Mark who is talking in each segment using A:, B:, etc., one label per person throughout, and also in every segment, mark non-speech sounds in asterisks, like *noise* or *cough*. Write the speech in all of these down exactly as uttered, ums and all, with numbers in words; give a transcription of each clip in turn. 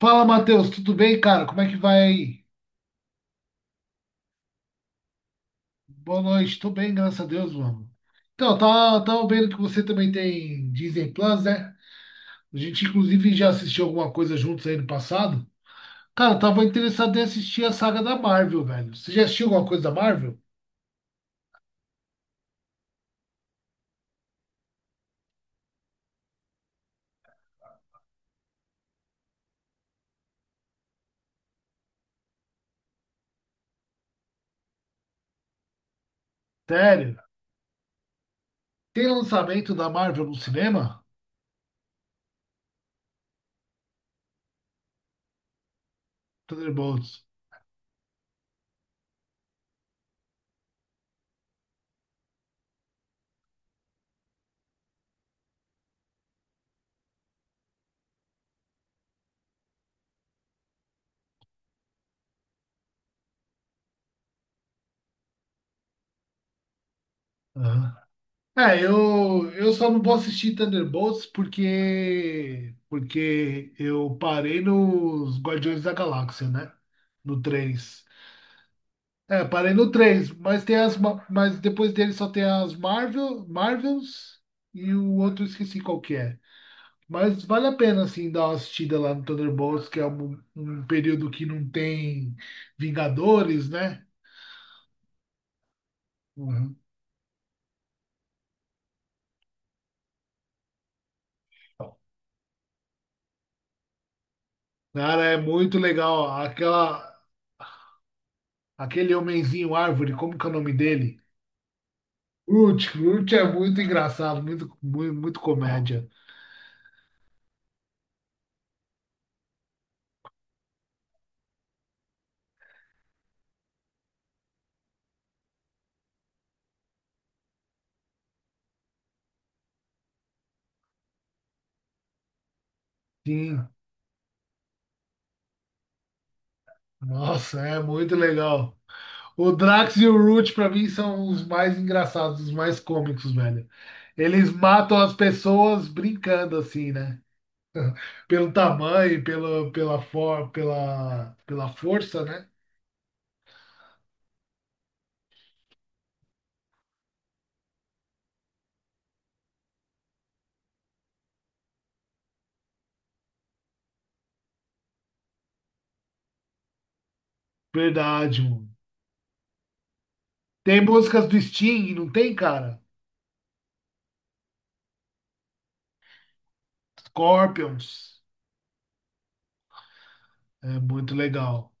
A: Fala, Matheus, tudo bem, cara? Como é que vai aí? Boa noite, tô bem, graças a Deus, mano. Então, tá, tava vendo que você também tem Disney Plus, né? A gente, inclusive, já assistiu alguma coisa juntos aí no passado. Cara, eu tava interessado em assistir a saga da Marvel, velho. Você já assistiu alguma coisa da Marvel? Sério? Tem lançamento da Marvel no cinema? Thunderbolts. É, eu, eu só não vou assistir Thunderbolts porque, porque eu parei nos Guardiões da Galáxia, né? No três. É, parei no três. Mas tem as, ma- mas depois dele só tem as Marvel, Marvels e o outro eu esqueci qual que é. Mas vale a pena, assim, dar uma assistida lá no Thunderbolts, que é um, um período que não tem Vingadores, né? Uhum. Cara, é muito legal. Aquela, Aquele homenzinho árvore, como que é o nome dele? Lute, Lute é muito engraçado, muito, muito, muito comédia. Sim, nossa, é muito legal. O Drax e o Root, pra mim, são os mais engraçados, os mais cômicos, velho. Eles matam as pessoas brincando, assim, né? *laughs* Pelo tamanho, pelo, pela, for, pela, pela força, né? Verdade, mano. Tem músicas do Sting, não tem, cara? Scorpions. É muito legal.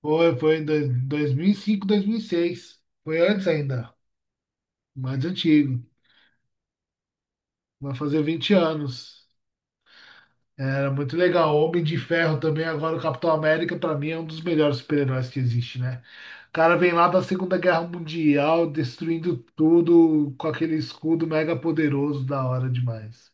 A: Foi, foi em dois- 2005, dois mil e seis. Foi antes ainda, mais antigo. Vai fazer vinte anos. Era muito legal. Homem de Ferro também, agora o Capitão América, pra mim, é um dos melhores super-heróis que existe, né? O cara vem lá da Segunda Guerra Mundial, destruindo tudo com aquele escudo mega poderoso, da hora demais.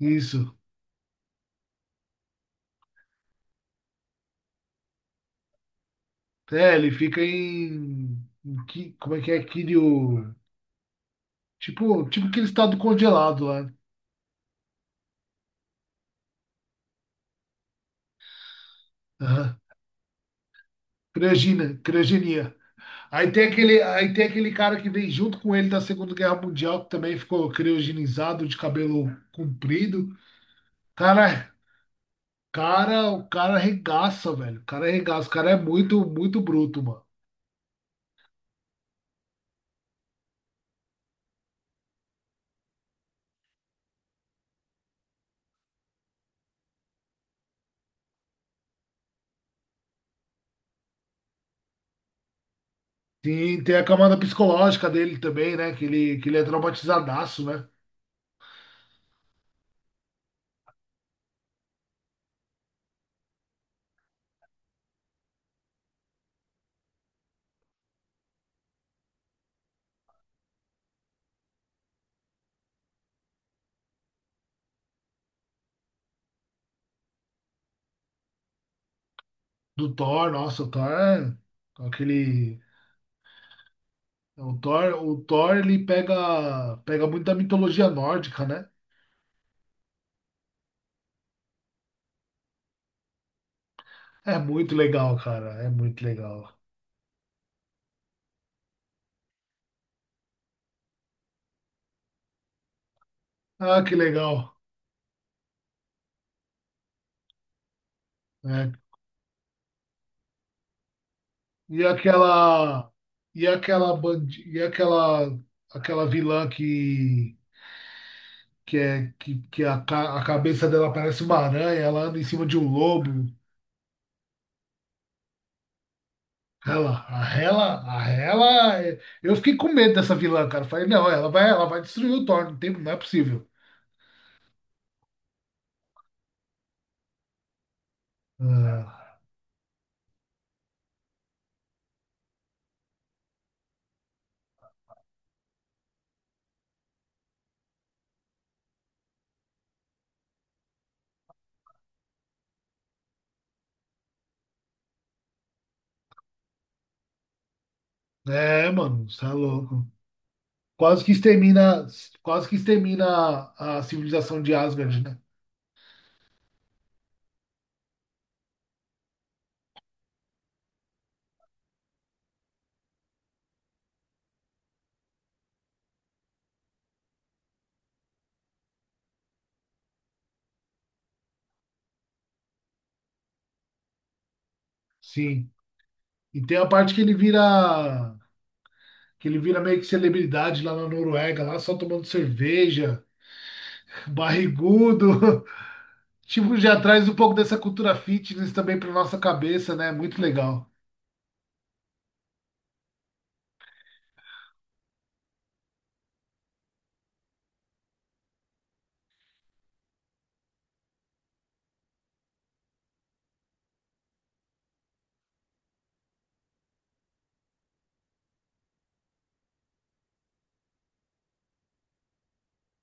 A: Isso. É, ele fica em... em Ki- Como é que é? Kiryu... Tipo, tipo aquele estado congelado lá. Aham. Criogenia, criogenia. Aí tem aquele, aí tem aquele cara que veio junto com ele da Segunda Guerra Mundial, que também ficou criogenizado, de cabelo comprido. Cara, cara, o cara arregaça, velho. O cara arregaça. O cara é muito, muito bruto, mano. Sim, tem a camada psicológica dele também, né? Que ele, que ele é traumatizadaço, né? Do Thor, nossa, o Thor é aquele. O Thor, o Thor, ele pega, pega muito da mitologia nórdica, né? É muito legal, cara. É muito legal. Ah, que legal. É, E aquela e aquela bandi, e aquela aquela vilã que que é que, que a, ca- a cabeça dela parece uma aranha, ela anda em cima de um lobo. Ela, a ela, a ela, é- eu fiquei com medo dessa vilã, cara. Falei, não, ela vai, ela vai destruir o Thor, não tem, não é possível. Ah, é, mano, você é louco. Quase que extermina, quase que extermina a, a civilização de Asgard, né? Sim. E tem a parte que ele vira que ele vira meio que celebridade lá na Noruega, lá só tomando cerveja, barrigudo. *laughs* Tipo, já traz um pouco dessa cultura fitness também para nossa cabeça, né? Muito legal.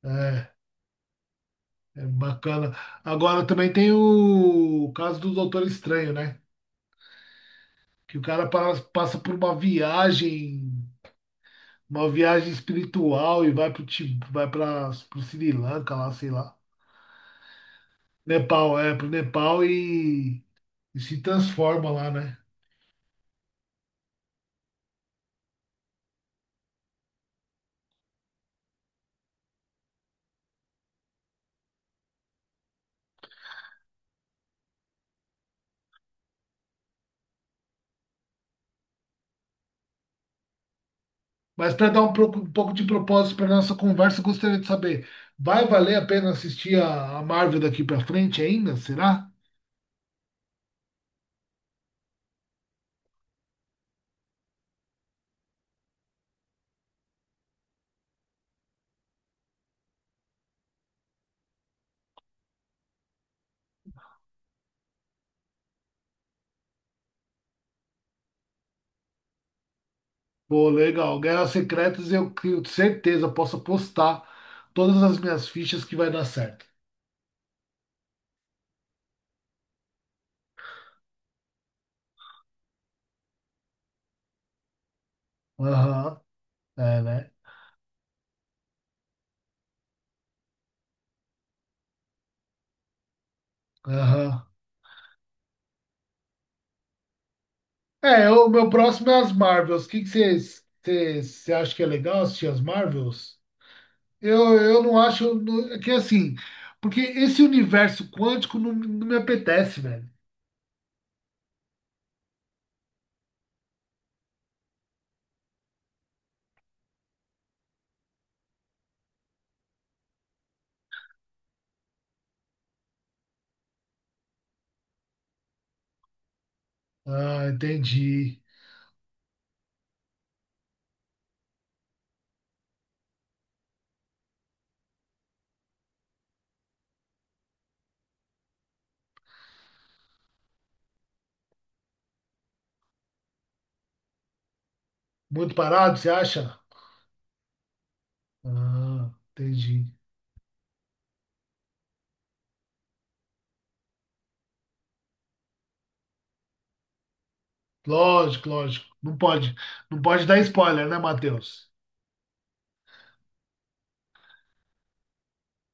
A: É, é bacana. Agora também tem o caso do Doutor Estranho, né? Que o cara pa- passa por uma viagem, uma viagem espiritual e vai pro Ti- vai para pro Sri Lanka lá, sei lá. Nepal, é, pro Nepal e, e se transforma lá, né? Mas para dar um, procu- um pouco de propósito para nossa conversa, eu gostaria de saber, vai valer a pena assistir a, a Marvel daqui para frente ainda? Será? Pô, legal. Guerras Secretas eu tenho certeza, posso apostar todas as minhas fichas que vai dar certo. Aham, é, né? Aham. É, o meu próximo é as Marvels. O que vocês acham que é legal assistir as Marvels? Eu, eu não acho não- é que assim, porque esse universo quântico não, não me apetece, velho. Ah, entendi. Muito parado, você acha? Ah, entendi. Lógico, lógico. Não pode, não pode dar spoiler, né, Matheus?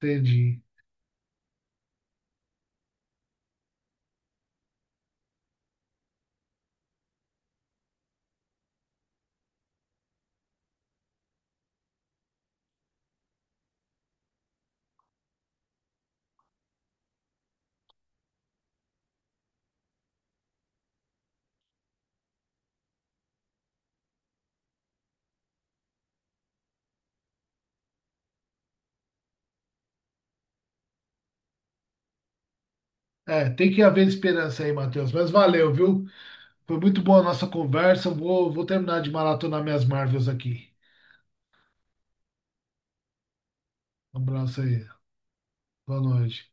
A: Entendi. É, tem que haver esperança aí, Matheus. Mas valeu, viu? Foi muito boa a nossa conversa. Vou, vou terminar de maratonar minhas Marvels aqui. Um abraço aí. Boa noite.